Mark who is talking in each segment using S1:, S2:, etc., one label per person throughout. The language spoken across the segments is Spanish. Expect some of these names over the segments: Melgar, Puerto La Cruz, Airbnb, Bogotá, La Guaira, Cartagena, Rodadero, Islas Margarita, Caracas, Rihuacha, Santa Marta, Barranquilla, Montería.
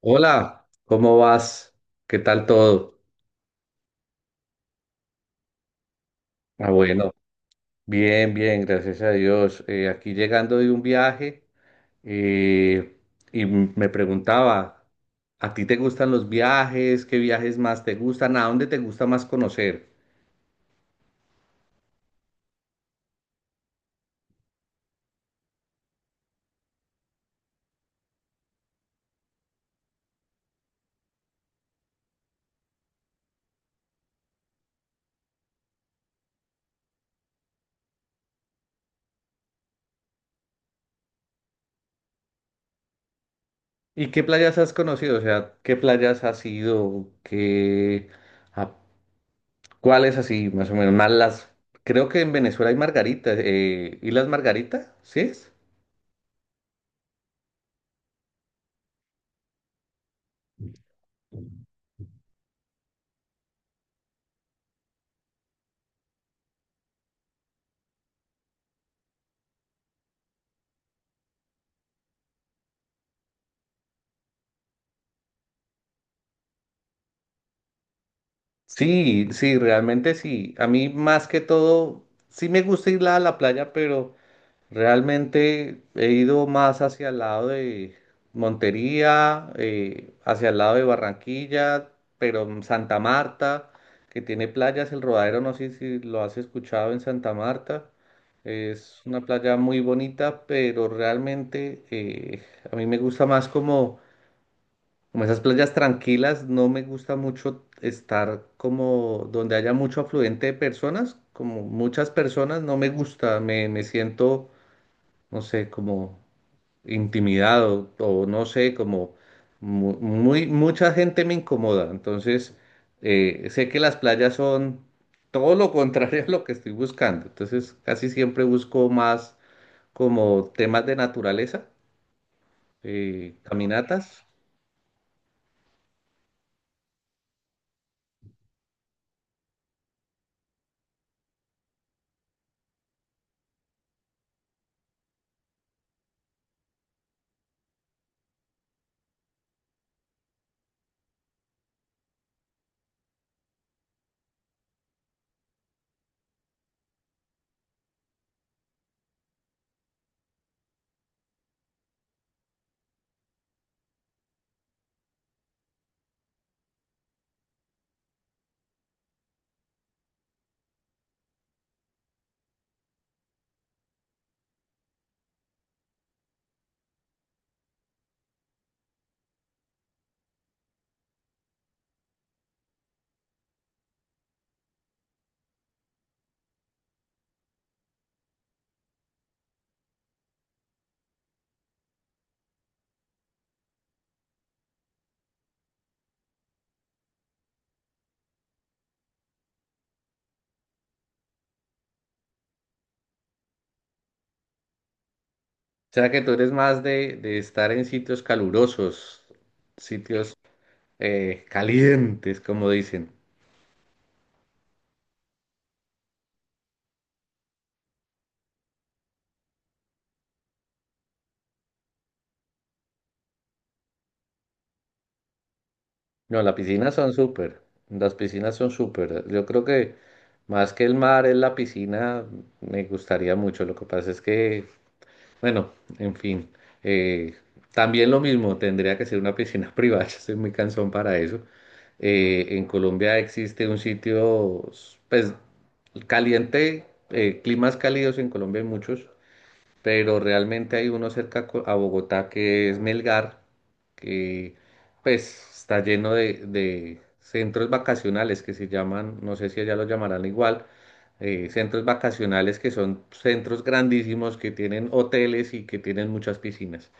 S1: Hola, ¿cómo vas? ¿Qué tal todo? Ah, bueno, bien, bien, gracias a Dios. Aquí llegando de un viaje eh, y me preguntaba, ¿a ti te gustan los viajes? ¿Qué viajes más te gustan? ¿A dónde te gusta más conocer? ¿Y qué playas has conocido? O sea, ¿qué playas has ido? ¿Qué, a- cuáles así, más o menos? Más las, creo que en Venezuela hay Margarita, ¿Islas Margarita? ¿Sí es? Sí, sí, realmente sí. A mí más que todo, sí me gusta ir a la playa, pero realmente he ido más hacia el lado de Montería, hacia el lado de Barranquilla, pero en Santa Marta, que tiene playas, el Rodadero, no sé si lo has escuchado en Santa Marta. Es una playa muy bonita, pero realmente a mí me gusta más como esas playas tranquilas, no me gusta mucho estar como donde haya mucho afluente de personas, como muchas personas, no me gusta, me siento, no sé, como intimidado o no sé, como muy, mucha gente me incomoda. Entonces, sé que las playas son todo lo contrario a lo que estoy buscando. Entonces, casi siempre busco más como temas de naturaleza, caminatas. O sea que tú eres más de estar en sitios calurosos, sitios calientes, como dicen. No, las piscinas son súper, las piscinas son súper. Yo creo que más que el mar es la piscina, me gustaría mucho. Lo que pasa es que, bueno, en fin, eh, también lo mismo, tendría que ser una piscina privada, yo soy muy cansón para eso. En Colombia existe un sitio, pues, caliente, climas cálidos en Colombia hay muchos, pero realmente hay uno cerca a Bogotá que es Melgar, que pues está lleno de centros vacacionales que se llaman, no sé si allá lo llamarán igual, centros vacacionales que son centros grandísimos que tienen hoteles y que tienen muchas piscinas.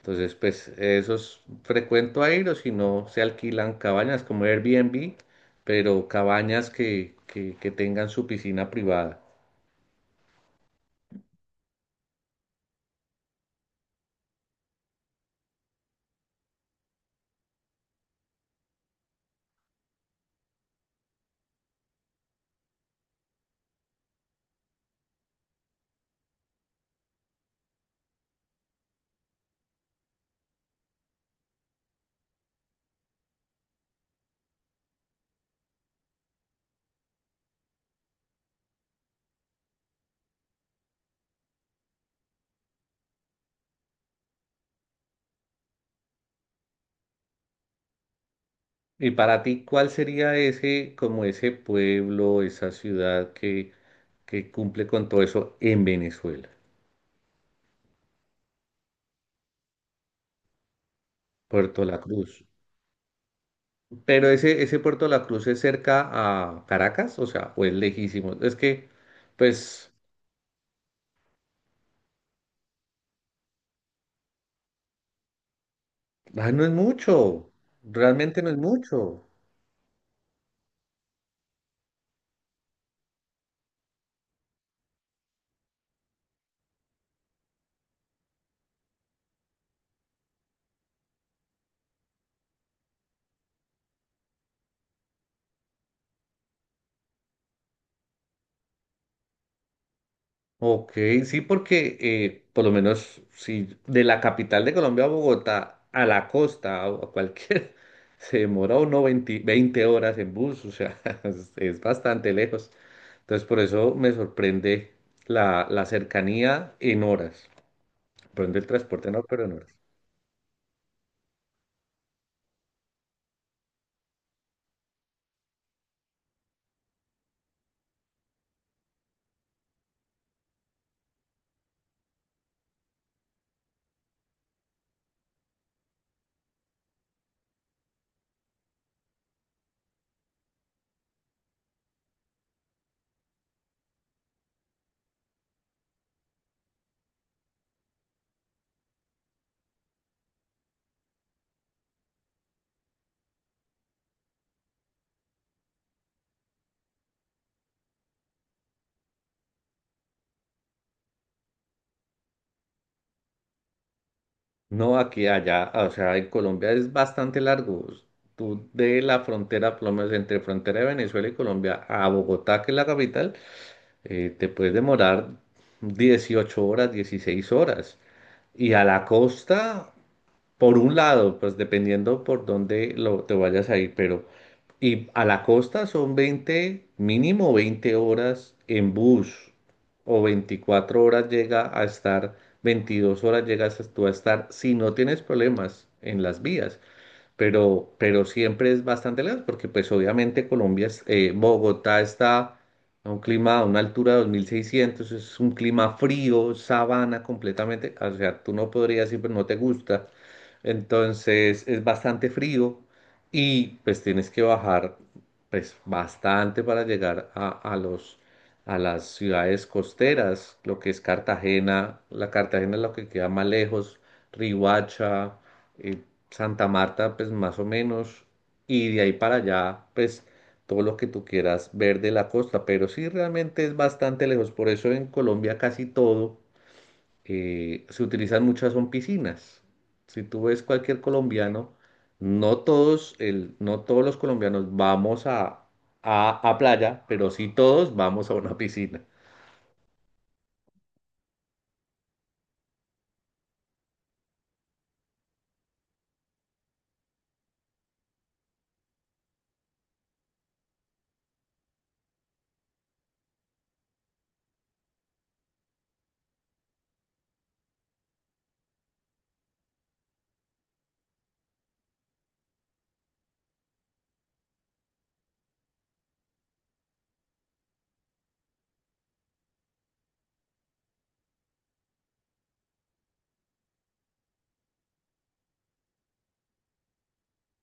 S1: Entonces, pues esos frecuento a ir, o si no, se alquilan cabañas como Airbnb, pero cabañas que tengan su piscina privada. Y para ti, ¿cuál sería ese, como ese pueblo, esa ciudad que cumple con todo eso en Venezuela? Puerto La Cruz. Pero ese Puerto La Cruz es cerca a Caracas, o sea, ¿o es lejísimo? Es que, pues, ah, no es mucho, realmente no es mucho. Ok, sí, porque por lo menos si de la capital de Colombia a Bogotá, a la costa o a cualquier, se demora uno veinte horas en bus, o sea, es bastante lejos. Entonces por eso me sorprende la cercanía en horas. Sorprende el transporte, no, pero en horas. No, aquí, allá, o sea, en Colombia es bastante largo. Tú de la frontera, por lo menos entre frontera de Venezuela y Colombia a Bogotá, que es la capital. Te puedes demorar 18 horas, 16 horas. Y a la costa, por un lado, pues dependiendo por dónde lo, te vayas a ir, pero y a la costa son veinte, mínimo 20 horas en bus o 24 horas llega a estar, 22 horas llegas tú a estar si no tienes problemas en las vías, pero siempre es bastante lejos, porque pues obviamente Colombia, Bogotá está a un clima, a una altura de 2600, es un clima frío, sabana completamente, o sea, tú no podrías ir, pero no te gusta, entonces es bastante frío y pues tienes que bajar pues bastante para llegar a las ciudades costeras, lo que es Cartagena, la Cartagena es lo que queda más lejos, Rihuacha, Santa Marta, pues más o menos, y de ahí para allá, pues todo lo que tú quieras ver de la costa, pero sí realmente es bastante lejos, por eso en Colombia casi todo se utilizan muchas son piscinas. Si tú ves cualquier colombiano, no todos, no todos los colombianos vamos a, a playa, pero sí todos vamos a una piscina.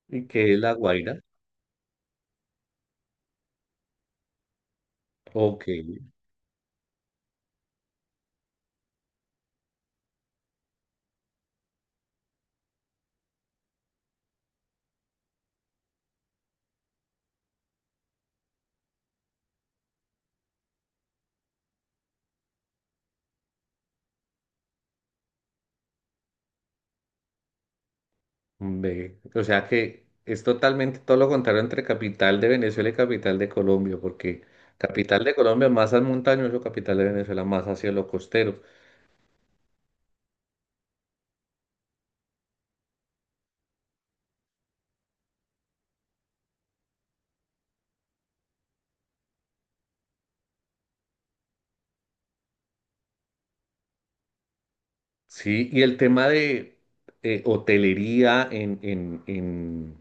S1: ¿Y qué es La Guaira? Ok. Ve, o sea que es totalmente todo lo contrario entre capital de Venezuela y capital de Colombia, porque capital de Colombia más al montañoso, capital de Venezuela más hacia lo costero. Sí, y el tema de hotelería en, en, en,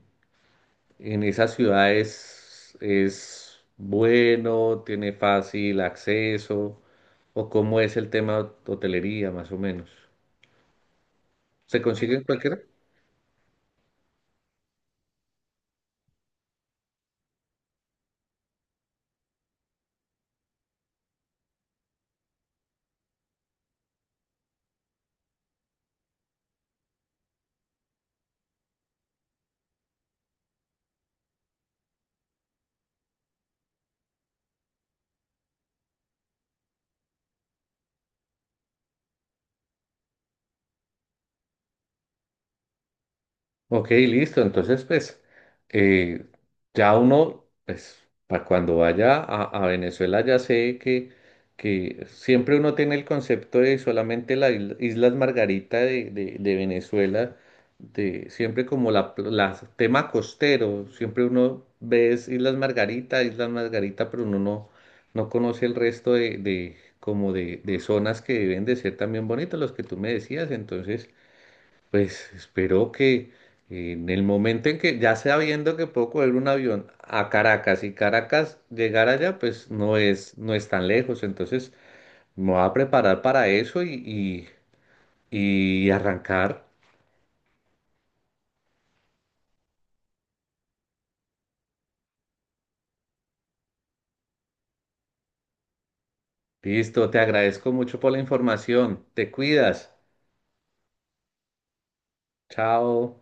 S1: en esas ciudades es bueno, tiene fácil acceso, o cómo es el tema de hotelería más o menos. ¿Se consigue en cualquiera? Ok, listo. Entonces, pues, eh, ya uno, pues, para cuando vaya a Venezuela, ya sé que siempre uno tiene el concepto de solamente las Islas Margarita de Venezuela, de siempre como tema costero, siempre uno ve es Islas Margarita, Islas Margarita, pero uno no conoce el resto como de zonas que deben de ser también bonitas, los que tú me decías. Entonces, pues espero que en el momento en que ya sabiendo que puedo coger un avión a Caracas y Caracas llegar allá, pues no es tan lejos. Entonces me voy a preparar para eso y arrancar. Listo, te agradezco mucho por la información. Te cuidas. Chao.